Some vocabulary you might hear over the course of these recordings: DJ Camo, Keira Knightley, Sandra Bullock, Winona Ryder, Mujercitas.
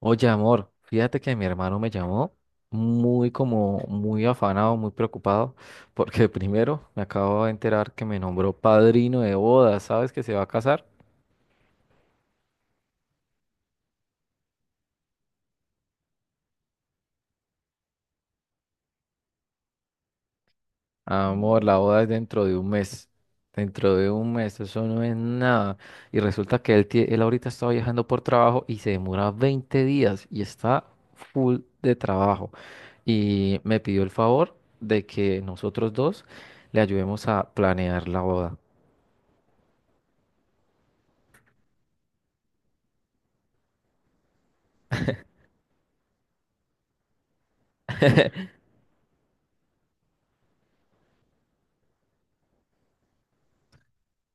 Oye, amor, fíjate que mi hermano me llamó muy como muy afanado, muy preocupado, porque primero me acabo de enterar que me nombró padrino de boda. ¿Sabes que se va a casar? Amor, la boda es dentro de un mes. Dentro de un mes, eso no es nada. Y resulta que él, él ahorita está viajando por trabajo y se demora 20 días y está full de trabajo. Y me pidió el favor de que nosotros dos le ayudemos a planear la boda.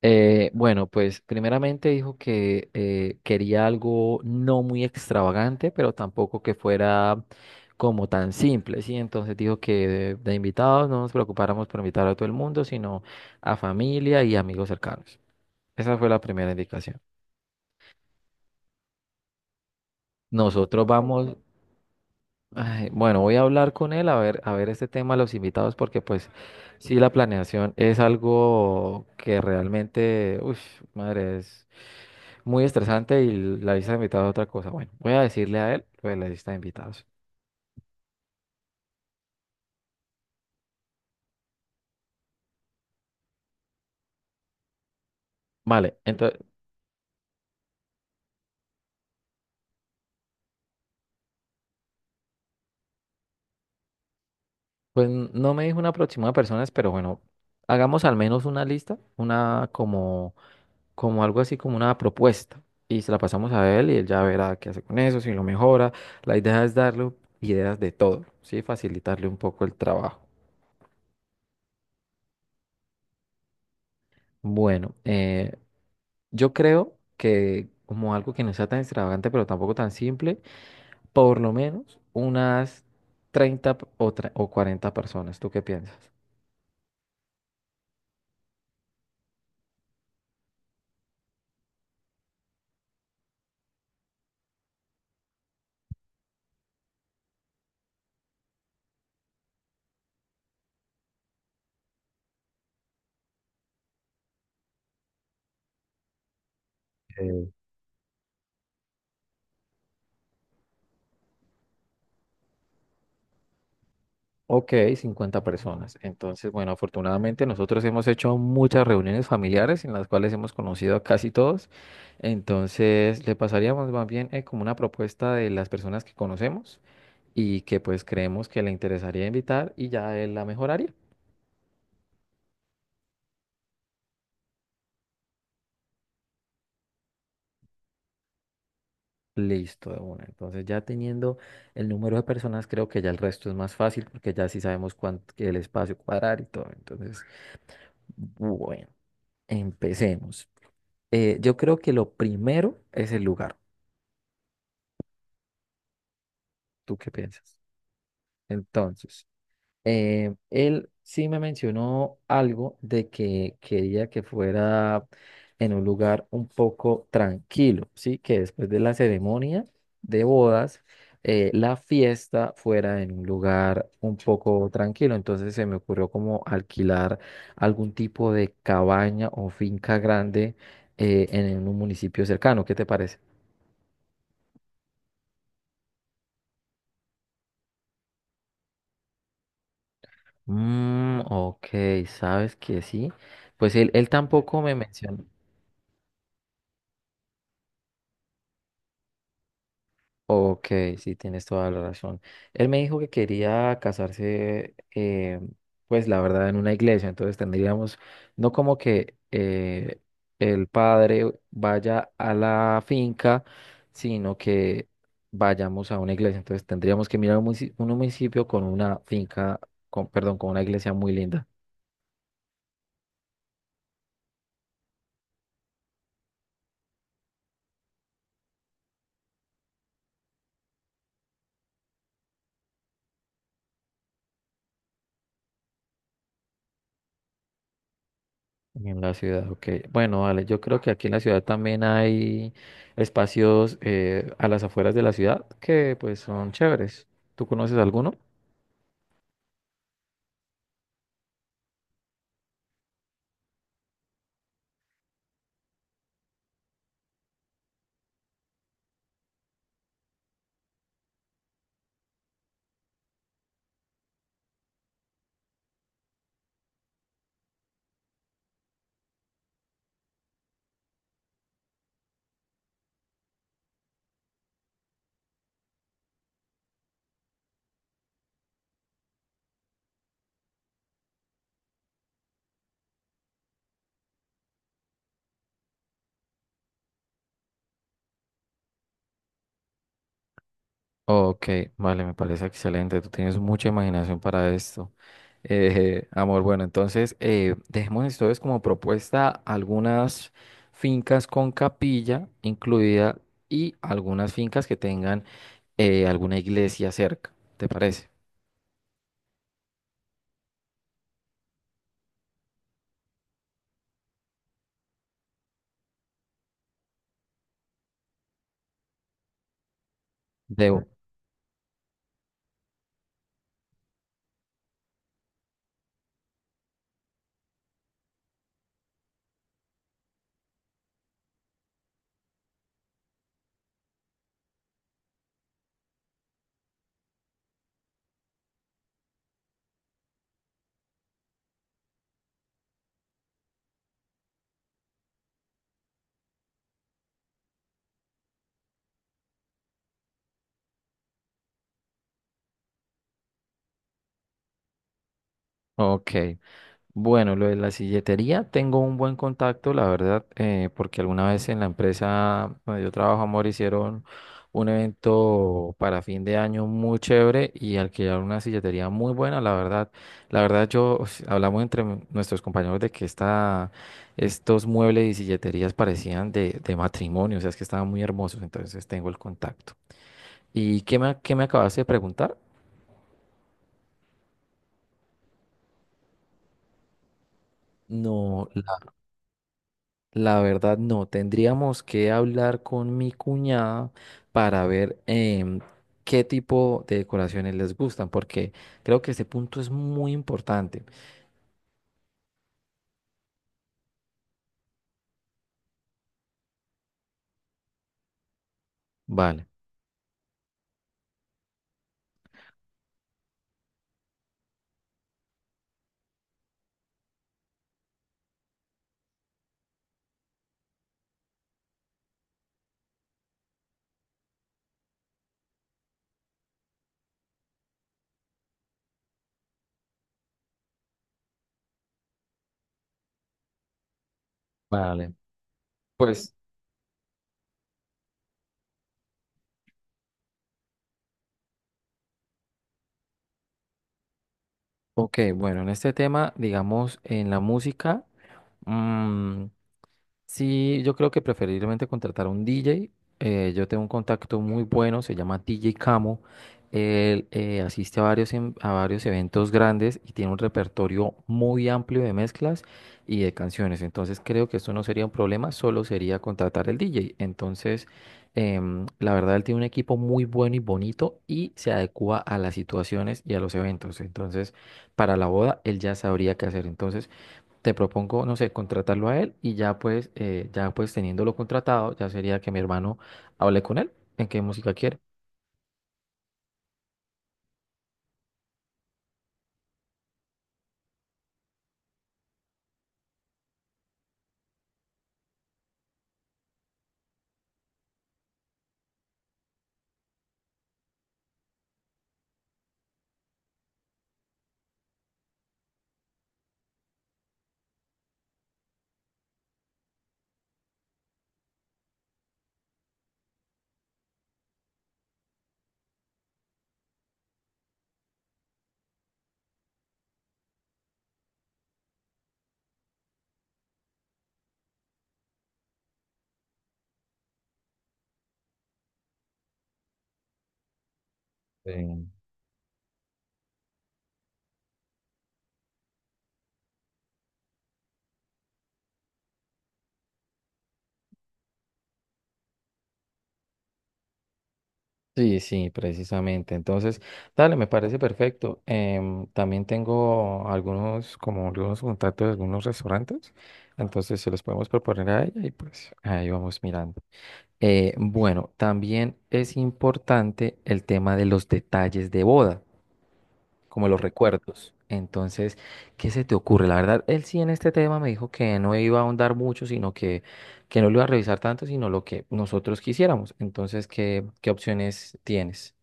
Bueno, pues primeramente dijo que quería algo no muy extravagante, pero tampoco que fuera como tan simple, ¿sí? Entonces dijo que de invitados no nos preocupáramos por invitar a todo el mundo, sino a familia y amigos cercanos. Esa fue la primera indicación. Nosotros vamos, ay, bueno, voy a hablar con él a ver este tema, de los invitados, porque pues sí, la planeación es algo que realmente, uff, madre, es. Muy estresante, y la lista de invitados es otra cosa. Bueno, voy a decirle a él lo de la lista de invitados. Vale, entonces, pues no me dijo una aproximada de personas, pero bueno, hagamos al menos una lista, una como, como algo así como una propuesta. Y se la pasamos a él y él ya verá qué hace con eso, si lo mejora. La idea es darle ideas de todo, ¿sí? Facilitarle un poco el trabajo. Bueno, yo creo que como algo que no sea tan extravagante, pero tampoco tan simple. Por lo menos unas treinta o 40 personas. ¿Tú qué piensas? Eh, Ok, 50 personas. Entonces, bueno, afortunadamente nosotros hemos hecho muchas reuniones familiares en las cuales hemos conocido a casi todos. Entonces, le pasaríamos más bien como una propuesta de las personas que conocemos y que pues creemos que le interesaría invitar y ya él la mejoraría. Listo, de una. Entonces, ya teniendo el número de personas, creo que ya el resto es más fácil porque ya sí sabemos cuánto, que el espacio cuadrar y todo. Entonces, bueno, empecemos. Yo creo que lo primero es el lugar. ¿Tú qué piensas? Entonces, él sí me mencionó algo de que quería que fuera en un lugar un poco tranquilo, ¿sí? Que después de la ceremonia de bodas, la fiesta fuera en un lugar un poco tranquilo. Entonces se me ocurrió como alquilar algún tipo de cabaña o finca grande en un municipio cercano. ¿Qué te parece? Mm, ok, sabes que sí. Pues él tampoco me mencionó. Ok, sí, tienes toda la razón. Él me dijo que quería casarse, pues la verdad, en una iglesia, entonces tendríamos, no como que el padre vaya a la finca, sino que vayamos a una iglesia. Entonces tendríamos que mirar un municipio con una finca, con, perdón, con una iglesia muy linda. En la ciudad, ok. Bueno, vale, yo creo que aquí en la ciudad también hay espacios a las afueras de la ciudad que pues son chéveres. ¿Tú conoces alguno? Ok, vale, me parece excelente. Tú tienes mucha imaginación para esto. Amor, bueno, entonces dejemos entonces como propuesta algunas fincas con capilla incluida y algunas fincas que tengan alguna iglesia cerca. ¿Te parece? Debo. Ok. Bueno, lo de la silletería, tengo un buen contacto, la verdad, porque alguna vez en la empresa donde yo trabajo, amor, hicieron un evento para fin de año muy chévere y alquilaron una silletería muy buena, la verdad. La verdad, yo pues, hablamos entre nuestros compañeros de que estos muebles y silleterías parecían de matrimonio, o sea, es que estaban muy hermosos, entonces tengo el contacto. ¿Y qué me acabaste de preguntar? No. La verdad no, tendríamos que hablar con mi cuñada para ver qué tipo de decoraciones les gustan, porque creo que ese punto es muy importante. Vale, vale. Pues, ok, bueno, en este tema, digamos, en la música, mm, sí, yo creo que preferiblemente contratar a un DJ. Yo tengo un contacto muy bueno, se llama DJ Camo. Él asiste a varios eventos grandes y tiene un repertorio muy amplio de mezclas y de canciones. Entonces creo que esto no sería un problema, solo sería contratar el DJ. Entonces, la verdad, él tiene un equipo muy bueno y bonito y se adecua a las situaciones y a los eventos. Entonces, para la boda, él ya sabría qué hacer. Entonces, te propongo, no sé, contratarlo a él y ya pues, teniéndolo contratado, ya sería que mi hermano hable con él en qué música quiere. Sí. Sí, sí, precisamente. Entonces, dale, me parece perfecto. También tengo algunos, como algunos contactos de algunos restaurantes, entonces se los podemos proponer a ella y pues ahí vamos mirando. Bueno, también es importante el tema de los detalles de boda, como los recuerdos. Entonces, ¿qué se te ocurre? La verdad, él sí en este tema me dijo que no iba a ahondar mucho, que no lo iba a revisar tanto, sino lo que nosotros quisiéramos. Entonces, qué opciones tienes?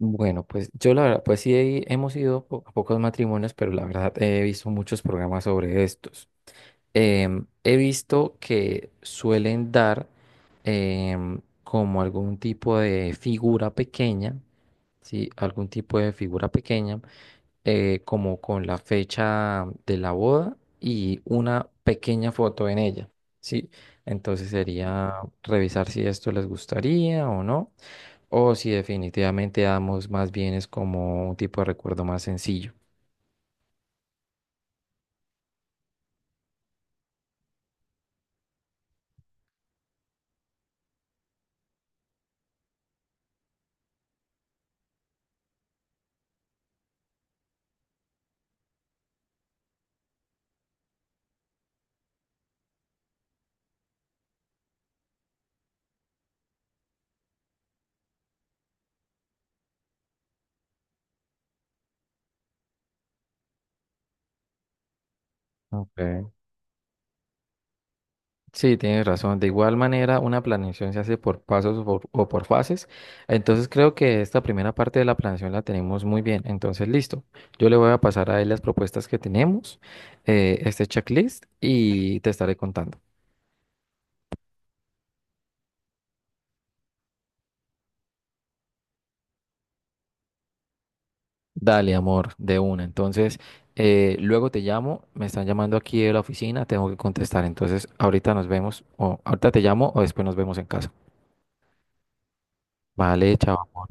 Bueno, pues yo la verdad, pues sí hemos ido a pocos matrimonios, pero la verdad he visto muchos programas sobre estos. He visto que suelen dar como algún tipo de figura pequeña, ¿sí? Algún tipo de figura pequeña como con la fecha de la boda y una pequeña foto en ella, ¿sí? Entonces sería revisar si esto les gustaría o no, o si definitivamente damos más bien es como un tipo de recuerdo más sencillo. Ok. Sí, tienes razón. De igual manera, una planeación se hace por pasos o por fases. Entonces creo que esta primera parte de la planeación la tenemos muy bien. Entonces, listo. Yo le voy a pasar a él las propuestas que tenemos, este checklist, y te estaré contando. Dale, amor, de una. Entonces, luego te llamo. Me están llamando aquí de la oficina. Tengo que contestar. Entonces, ahorita nos vemos, o ahorita te llamo, o después nos vemos en casa. Vale, chao.